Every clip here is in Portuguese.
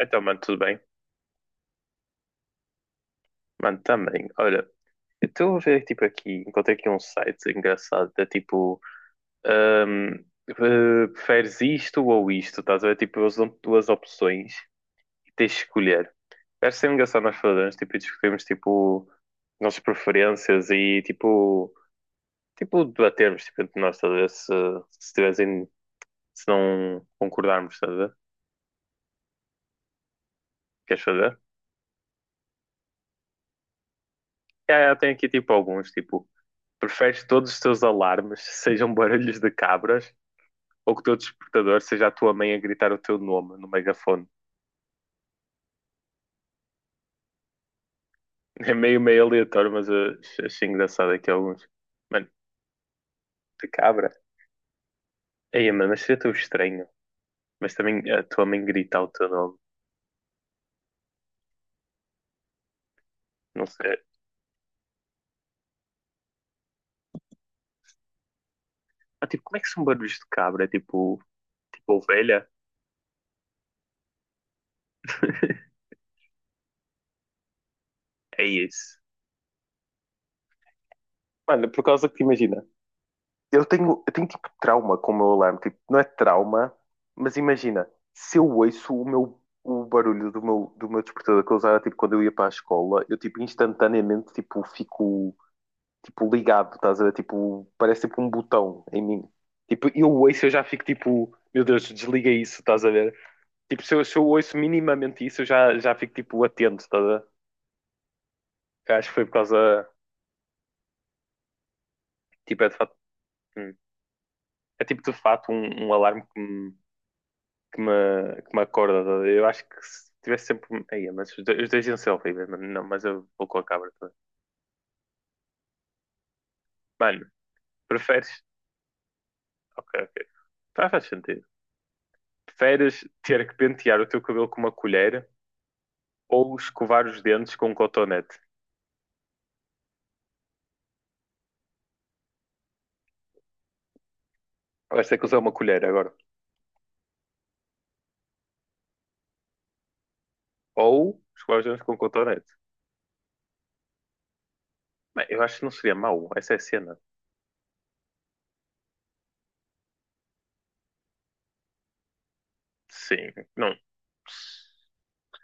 Então, mano, tudo bem? Mano, também. Olha, eu estou a ver, tipo, aqui, encontrei aqui um site engraçado, é tipo, ahm, eh, preferes isto ou isto, estás a ver? Tipo, eles dão duas opções e tens de escolher. Acho sempre engraçado nós fazermos, tipo, e discutirmos, tipo, nossas preferências e, tipo, tipo, debatermos, tipo, entre nós, estás a ver? Se tivessem, se não concordarmos, estás a ver? Queres fazer? É, tem aqui, tipo, alguns, tipo, preferes todos os teus alarmes sejam barulhos de cabras ou que o teu despertador seja a tua mãe a gritar o teu nome no megafone. É meio, meio aleatório, mas eu achei engraçado aqui alguns. Mano, de cabra. Ei, mano, mas seria tão estranho. Mas também a tua mãe gritar o teu nome. Não sei. Ah, tipo, como é que são barulhos de cabra? É tipo, tipo ovelha? É isso. Mano, por causa que imagina, eu tenho tipo trauma com o meu alarme. Tipo, não é trauma, mas imagina, se eu ouço o meu o barulho do meu despertador que eu usava tipo, quando eu ia para a escola, eu tipo instantaneamente tipo, fico tipo, ligado, estás a ver? Tipo, parece tipo um botão em mim. Tipo, eu ouço, eu já fico tipo, meu Deus, desliga isso, estás a ver? Tipo, se eu ouço minimamente isso, já fico tipo atento, estás a ver? Eu acho que foi por causa, tipo, é de fato, hum, é tipo de fato um alarme que me acorda. Tá. Eu acho que se tivesse sempre. Aí, mas os dois iam ser horríveis, mano. Não, mas eu vou com a cabra. Tá. Mano, preferes. Ok, ok. Tá, faz sentido. Preferes ter que pentear o teu cabelo com uma colher ou escovar os dentes com um cotonete? Vais ter que usar uma colher agora. Ou escovar os dentes com um cotonete. Bem, eu acho que não seria mau. Essa é a cena. Sim, não.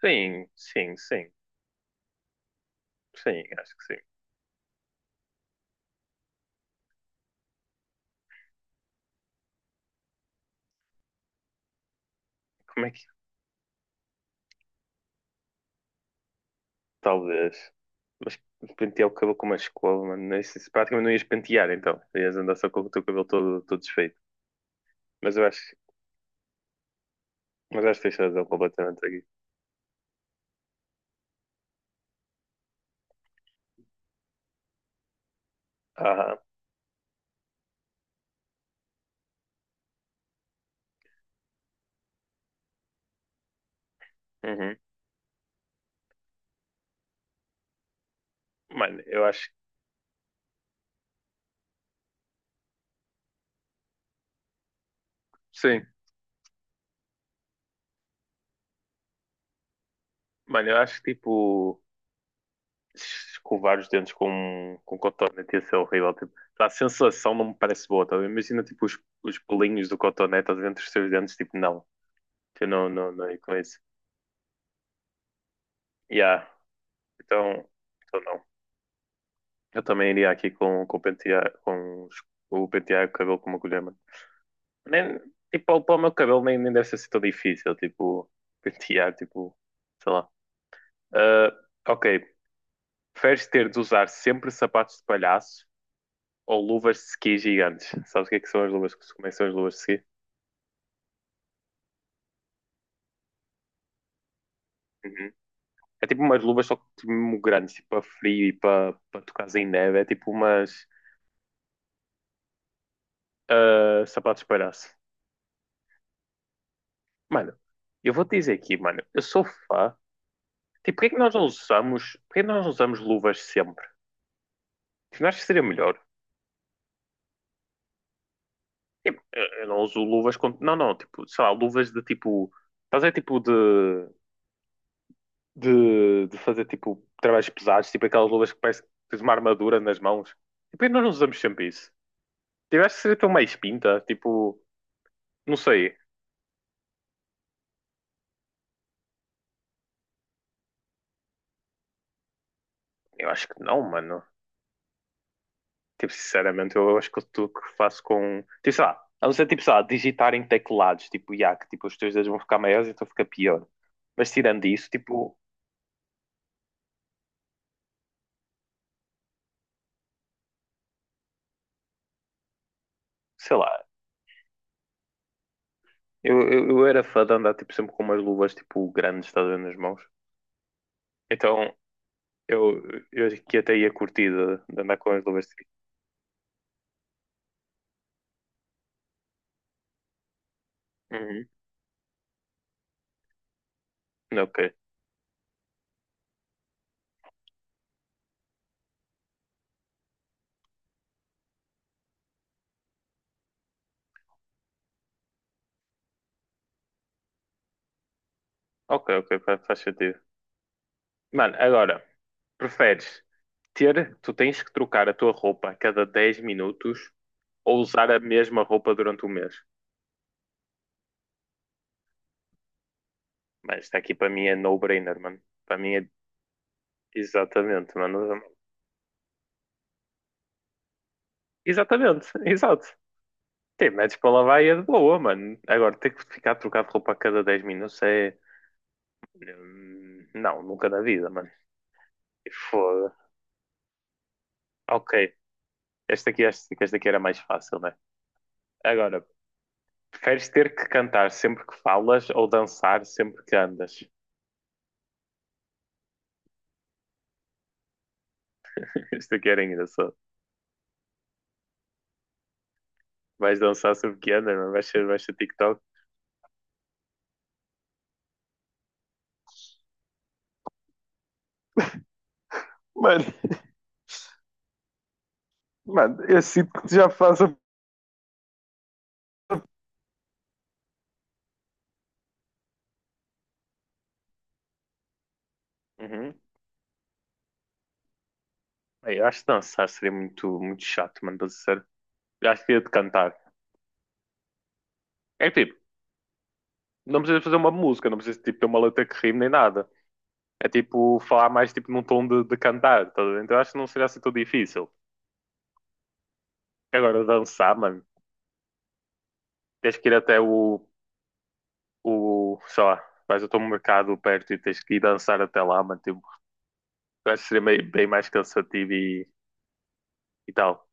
Sim, sim, sim. Sim, acho que sim. Como é que Talvez. Mas pentear o cabelo com uma escova, mano. Isso, isso praticamente não ias pentear, então. Ias andar só com o teu cabelo todo, todo desfeito. Mas eu acho, mas acho que tens razão completamente aqui. Aham. Uhum. Mano, eu acho. Sim. Mano, eu acho que tipo. Escovar os dentes com cotonete ia ser horrível. Tipo, a sensação não me parece boa, tá? A ver? Imagina tipo os pelinhos do cotonete dentro dos teus dentes, tipo, não. Eu não ia com isso. Yeah. Então, então não. Eu também iria aqui com, o pentear, o pentear o cabelo com uma colher, mano. Nem, tipo, para o meu cabelo nem, nem deve ser assim tão difícil, tipo, pentear, tipo, sei lá. Ah, ok, preferes ter de usar sempre sapatos de palhaço ou luvas de ski gigantes? Sabes o que é que são as luvas? Como é que são as luvas de ski? Uhum. É tipo umas luvas só que tipo, mesmo grandes, tipo, para frio e para, para tocar em neve, é tipo umas ah, sapatos de palhaço. Mano, eu vou te dizer aqui, mano, eu sou fã. Tipo, porquê que nós não usamos luvas sempre? Tipo, não acho que seria melhor. Tipo, eu não uso luvas com. Não, não, tipo, sei lá, luvas de tipo. Fazer tipo de, de. De fazer tipo trabalhos pesados, tipo aquelas luvas que parece que tens uma armadura nas mãos. E por que nós não usamos sempre isso? Tipo, eu acho que seria tão mais pinta, tipo, não sei. Eu acho que não, mano. Tipo, sinceramente, eu acho que tudo que faço com. Tipo, sei lá, a não ser tipo, sei lá, digitar em teclados, tipo, já, que tipo, os teus dedos vão ficar maiores, então fica pior. Mas tirando isso, tipo, sei lá, eu era fã de andar tipo, sempre com umas luvas tipo grandes, estás a ver, nas mãos. Então eu, eu acho que até ia curtir de andar com as luvas. Tipo, uhum. Ok, ok, ok, faz sentido. Mano, agora, preferes ter, tu tens que trocar a tua roupa a cada 10 minutos ou usar a mesma roupa durante o mês? Mas está aqui para mim é no-brainer, mano. Para mim é exatamente, mano. Exatamente, exato. Sim, metes para lavar e é de boa, mano. Agora, ter que ficar a trocar de roupa a cada 10 minutos é. Não, nunca na vida, mano. E foda. Ok, esta aqui era mais fácil, né? Agora, preferes ter que cantar sempre que falas ou dançar sempre que andas? Esta aqui era engraçado. Vais dançar sempre que andas, mano? Vais ser TikTok? Mano, mano, eu sinto que já faço a Uhum. Bem, eu acho que dançar seria muito, muito chato, mano, para ser sincero. Eu acho que ia de cantar. É tipo, não precisa fazer uma música, não precisa tipo, ter uma letra que rime nem nada. É tipo falar mais tipo, num tom de cantar, tá? Então acho que não seria assim tão difícil. Agora dançar, mano, tens que ir até o sei lá, vais até um mercado perto e tens que ir dançar até lá, mano, tipo, eu acho que seria bem mais cansativo e tal.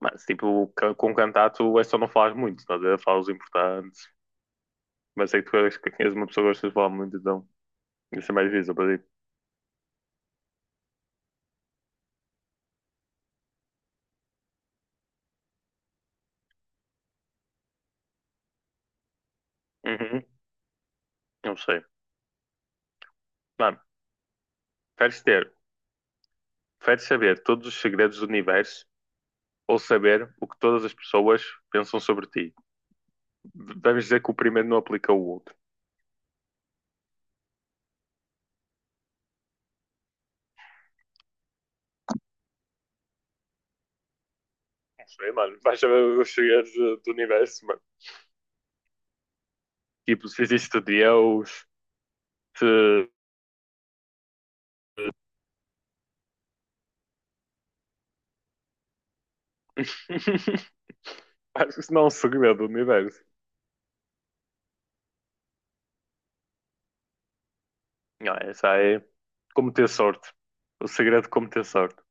Mas tipo, com cantar tu é só não falas muito, tá? A ver? Falas importantes mas sei que que és uma pessoa que gosta de falar muito, então isso é mais difícil para ti. Uhum, não sei. Mano, preferes ter Preferes saber todos os segredos do universo ou saber o que todas as pessoas pensam sobre ti? Vamos dizer que o primeiro não aplica o outro. Não sei, mano. Vais saber os segredos do universo, mano. Tipo, se existe Deus, se... Acho que isso não é um segredo do universo. Não, essa é como ter sorte. O segredo de como ter sorte.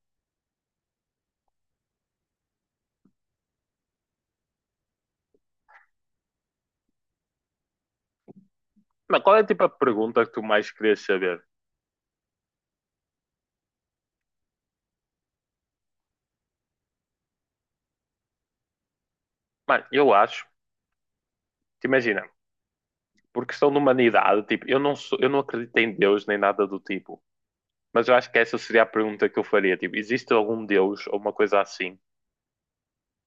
Mas qual é tipo a pergunta que tu mais querias saber? Mano, eu acho, te imagina, por questão de humanidade, tipo, eu não acredito em Deus nem nada do tipo. Mas eu acho que essa seria a pergunta que eu faria. Tipo, existe algum Deus ou uma coisa assim?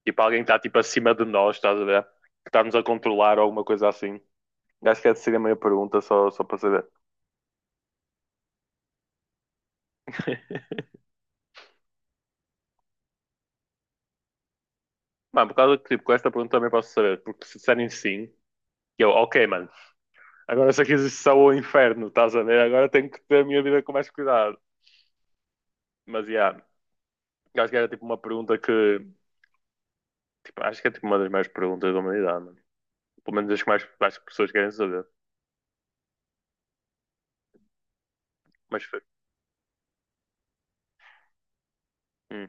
Tipo, alguém está tipo acima de nós, estás a ver? Que está-nos a controlar ou alguma coisa assim? Eu acho que essa seria a minha pergunta, só para saber. Mano, por causa que tipo, com esta pergunta também posso saber, porque se disserem sim, eu, ok, mano, agora se aqui existe só o inferno, estás a ver? Agora tenho que ter a minha vida com mais cuidado. Mas, yeah, eu acho que era tipo uma pergunta que, tipo, acho que é tipo uma das maiores perguntas da humanidade, mano. Pelo menos as que mais pessoas querem saber. Mas foi. Hum,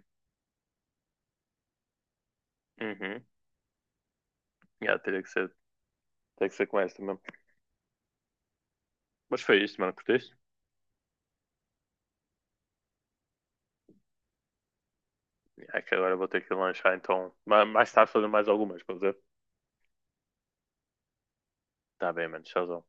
uhum, yeah, teria que ser Tem que ser com esta mesmo. Mas foi isto, mano. Curtiste? É que agora vou ter que lanchar, então. Mais tarde fazer mais algumas, para dizer? Tá bem, mano. Tchauzão.